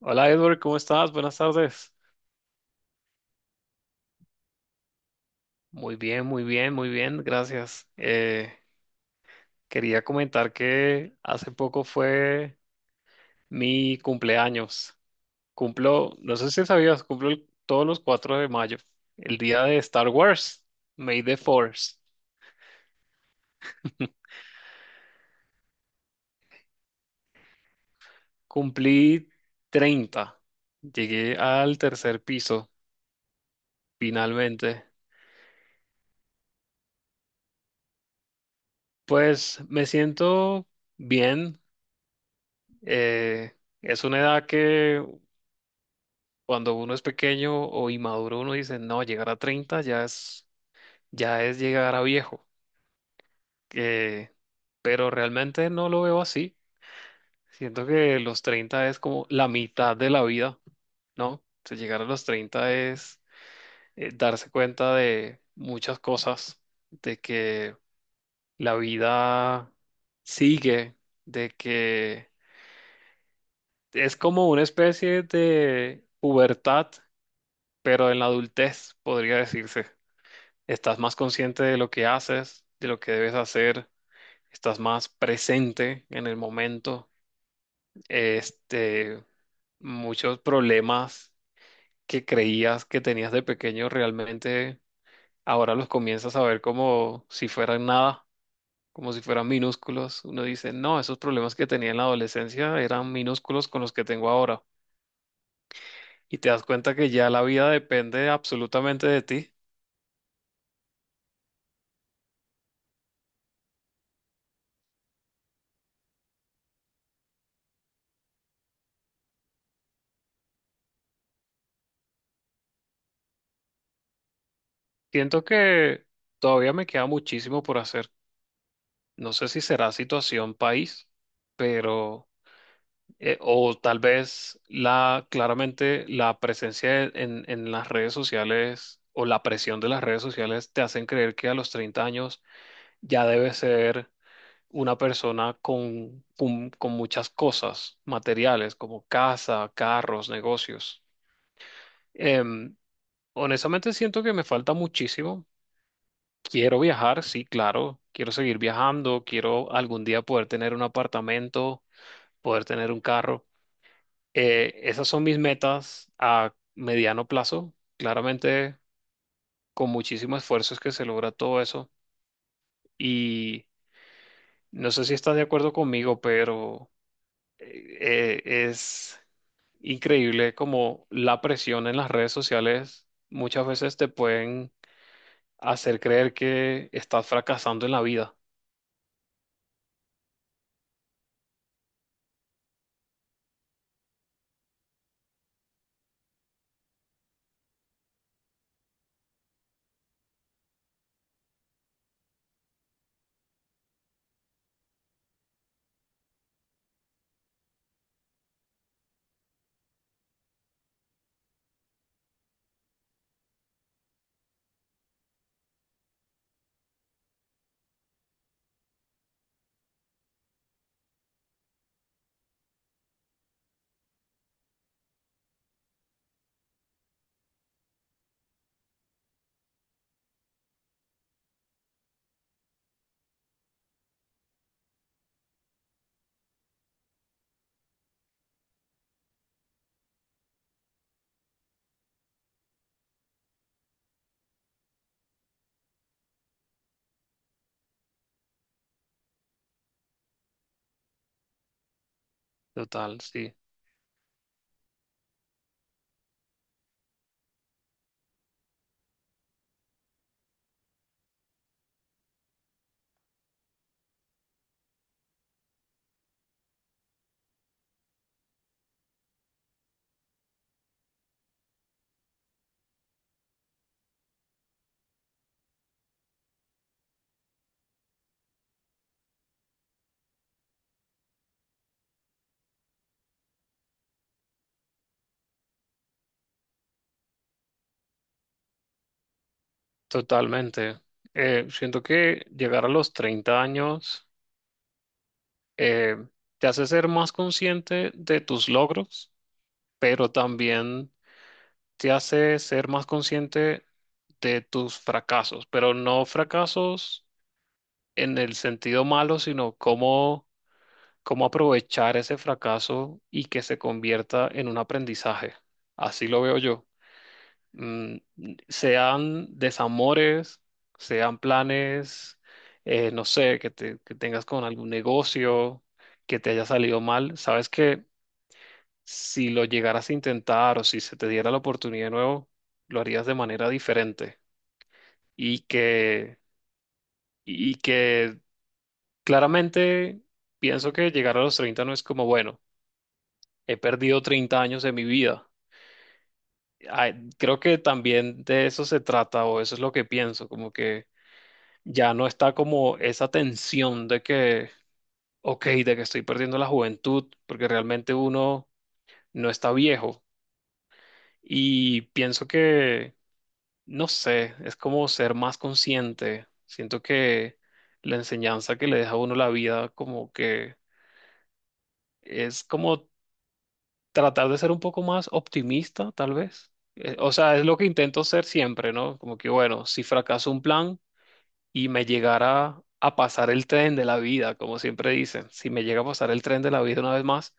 Hola Edward, ¿cómo estás? Buenas tardes. Muy bien, muy bien, muy bien, gracias. Quería comentar que hace poco fue mi cumpleaños. Cumplo, no sé si sabías, todos los 4 de mayo, el día de Star Wars, May the Force. Cumplí 30. Llegué al tercer piso, finalmente. Pues me siento bien. Eh, es una edad que... cuando uno es pequeño o inmaduro, uno dice, no, llegar a 30 ya es llegar a viejo. Eh, pero realmente no lo veo así. Siento que los 30 es como la mitad de la vida, ¿no? O sea, llegar a los 30 es darse cuenta de muchas cosas, de que la vida sigue, de que es como una especie de pubertad, pero en la adultez, podría decirse. Estás más consciente de lo que haces, de lo que debes hacer, estás más presente en el momento. Este, muchos problemas que creías que tenías de pequeño realmente ahora los comienzas a ver como si fueran nada, como si fueran minúsculos. Uno dice, no, esos problemas que tenía en la adolescencia eran minúsculos con los que tengo ahora. Y te das cuenta que ya la vida depende absolutamente de ti. Siento que todavía me queda muchísimo por hacer. No sé si será situación país, pero, o tal vez claramente la presencia en las redes sociales o la presión de las redes sociales te hacen creer que a los 30 años ya debes ser una persona con muchas cosas materiales como casa, carros, negocios. Em, Honestamente siento que me falta muchísimo. Quiero viajar, sí, claro. Quiero seguir viajando, quiero algún día poder tener un apartamento, poder tener un carro. Esas son mis metas a mediano plazo. Claramente, con muchísimo esfuerzo es que se logra todo eso. Y no sé si estás de acuerdo conmigo, pero es increíble como la presión en las redes sociales muchas veces te pueden hacer creer que estás fracasando en la vida. Total, sí, totalmente. Siento que llegar a los 30 años eh, te hace ser más consciente de tus logros, pero también te hace ser más consciente de tus fracasos, pero no fracasos en el sentido malo, sino cómo, cómo aprovechar ese fracaso y que se convierta en un aprendizaje. Así lo veo yo. Mm, sean desamores, sean planes, no sé, que tengas con algún negocio que te haya salido mal. Sabes que si lo llegaras a intentar o si se te diera la oportunidad de nuevo, lo harías de manera diferente. Y que, y que claramente pienso que llegar a los 30 no es como, bueno, he perdido 30 años de mi vida. Ay, creo que también de eso se trata, o eso es lo que pienso, como que ya no está como esa tensión de que, ok, de que estoy perdiendo la juventud, porque realmente uno no está viejo. Y pienso que... no sé, es como ser más consciente. Siento que la enseñanza que le deja a uno la vida, como que es como tratar de ser un poco más optimista, tal vez. O sea, es lo que intento ser siempre, ¿no? Como que, bueno, si fracaso un plan y me llegara a pasar el tren de la vida, como siempre dicen, si me llega a pasar el tren de la vida una vez más,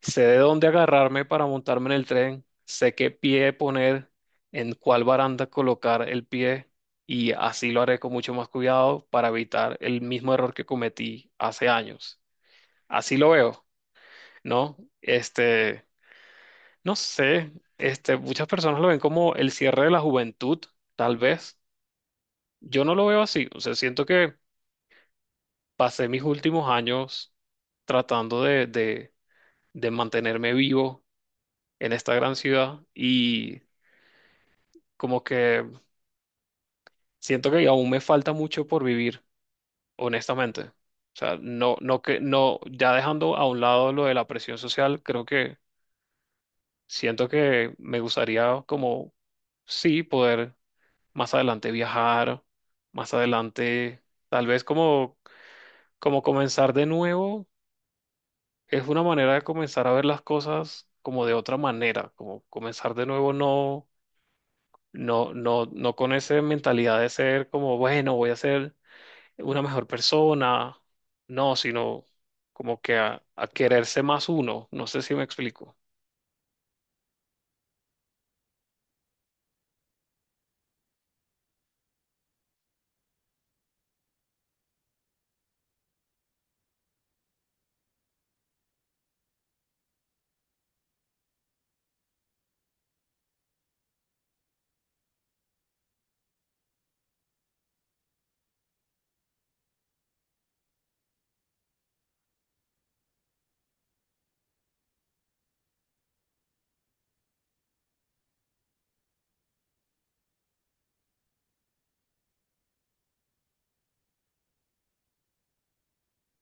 sé de dónde agarrarme para montarme en el tren, sé qué pie poner, en cuál baranda colocar el pie, y así lo haré con mucho más cuidado para evitar el mismo error que cometí hace años. Así lo veo, ¿no? Este, no sé, este, muchas personas lo ven como el cierre de la juventud, tal vez. Yo no lo veo así, o sea, siento que pasé mis últimos años tratando de mantenerme vivo en esta gran ciudad, y como que siento que aún me falta mucho por vivir, honestamente. O sea, no, no que, no, ya dejando a un lado lo de la presión social, creo que siento que me gustaría como, sí, poder más adelante viajar, más adelante, tal vez como, como comenzar de nuevo, es una manera de comenzar a ver las cosas como de otra manera, como comenzar de nuevo. No, No con esa mentalidad de ser como, bueno, voy a hacer una mejor persona, no, sino como que a quererse más uno, no sé si me explico.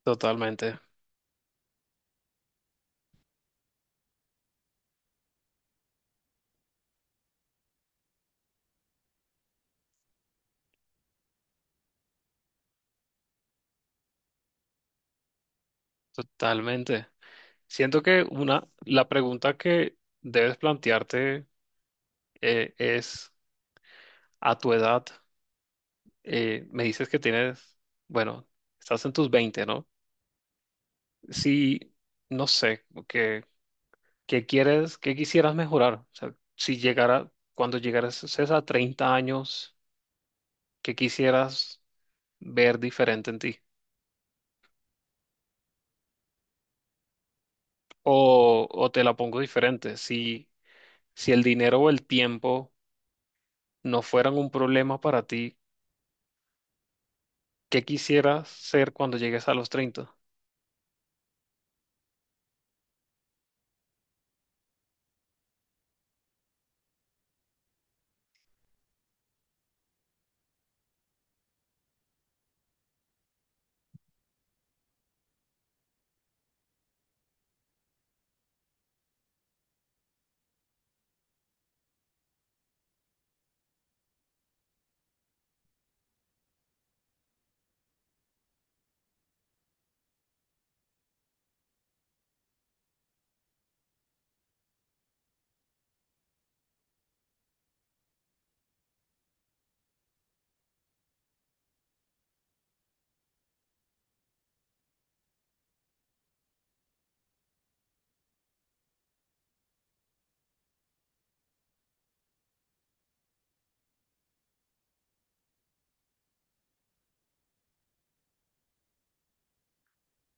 Totalmente, totalmente. Siento que una, la pregunta que debes plantearte es, a tu edad, me dices que tienes, bueno, estás en tus 20, ¿no? Si, no sé, qué quieres, qué quisieras mejorar. O sea, si llegara, cuando llegaras a 30 años, ¿qué quisieras ver diferente en ti? O te la pongo diferente, si el dinero o el tiempo no fueran un problema para ti, ¿qué quisieras ser cuando llegues a los 30?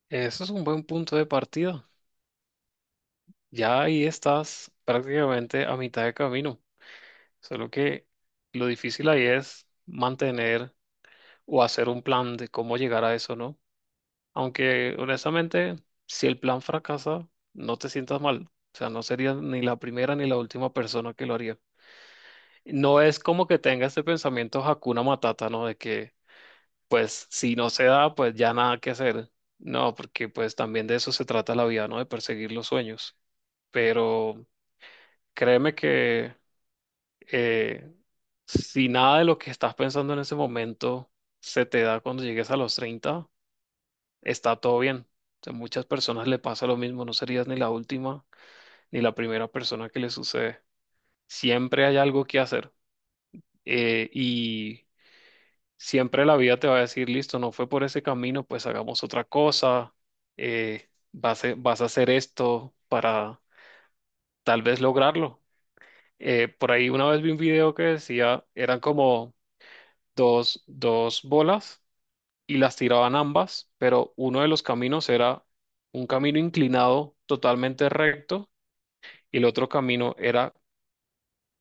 Eso es un buen punto de partida. Ya ahí estás prácticamente a mitad de camino. Solo que lo difícil ahí es mantener o hacer un plan de cómo llegar a eso, ¿no? Aunque honestamente, si el plan fracasa, no te sientas mal. O sea, no serías ni la primera ni la última persona que lo haría. No es como que tenga ese pensamiento Hakuna Matata, ¿no? De que, pues, si no se da, pues ya nada que hacer. No, porque pues también de eso se trata la vida, ¿no? De perseguir los sueños. Pero créeme que eh, si nada de lo que estás pensando en ese momento se te da cuando llegues a los 30, está todo bien. A muchas personas le pasa lo mismo, no serías ni la última ni la primera persona que le sucede. Siempre hay algo que hacer. Y siempre la vida te va a decir, listo, no fue por ese camino, pues hagamos otra cosa, vas a hacer esto para tal vez lograrlo. Por ahí una vez vi un video que decía, eran como dos bolas y las tiraban ambas, pero uno de los caminos era un camino inclinado totalmente recto y el otro camino era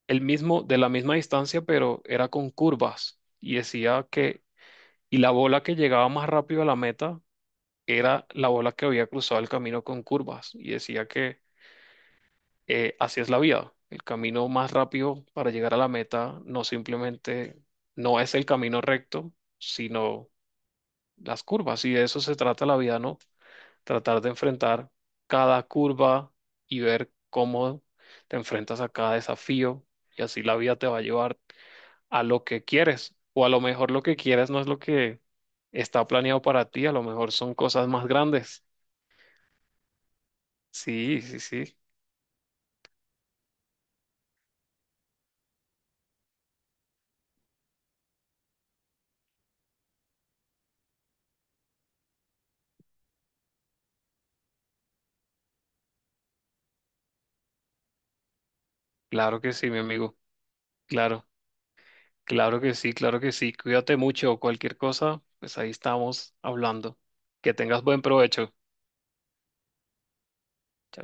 el mismo, de la misma distancia, pero era con curvas. Y decía que, y la bola que llegaba más rápido a la meta era la bola que había cruzado el camino con curvas, y decía que así es la vida. El camino más rápido para llegar a la meta no simplemente no es el camino recto, sino las curvas. Y de eso se trata la vida, ¿no? Tratar de enfrentar cada curva y ver cómo te enfrentas a cada desafío, y así la vida te va a llevar a lo que quieres. O a lo mejor lo que quieres no es lo que está planeado para ti, a lo mejor son cosas más grandes. Sí, sí, sí. Claro que sí, mi amigo. Claro, claro que sí, claro que sí. Cuídate mucho. Cualquier cosa, pues ahí estamos hablando. Que tengas buen provecho.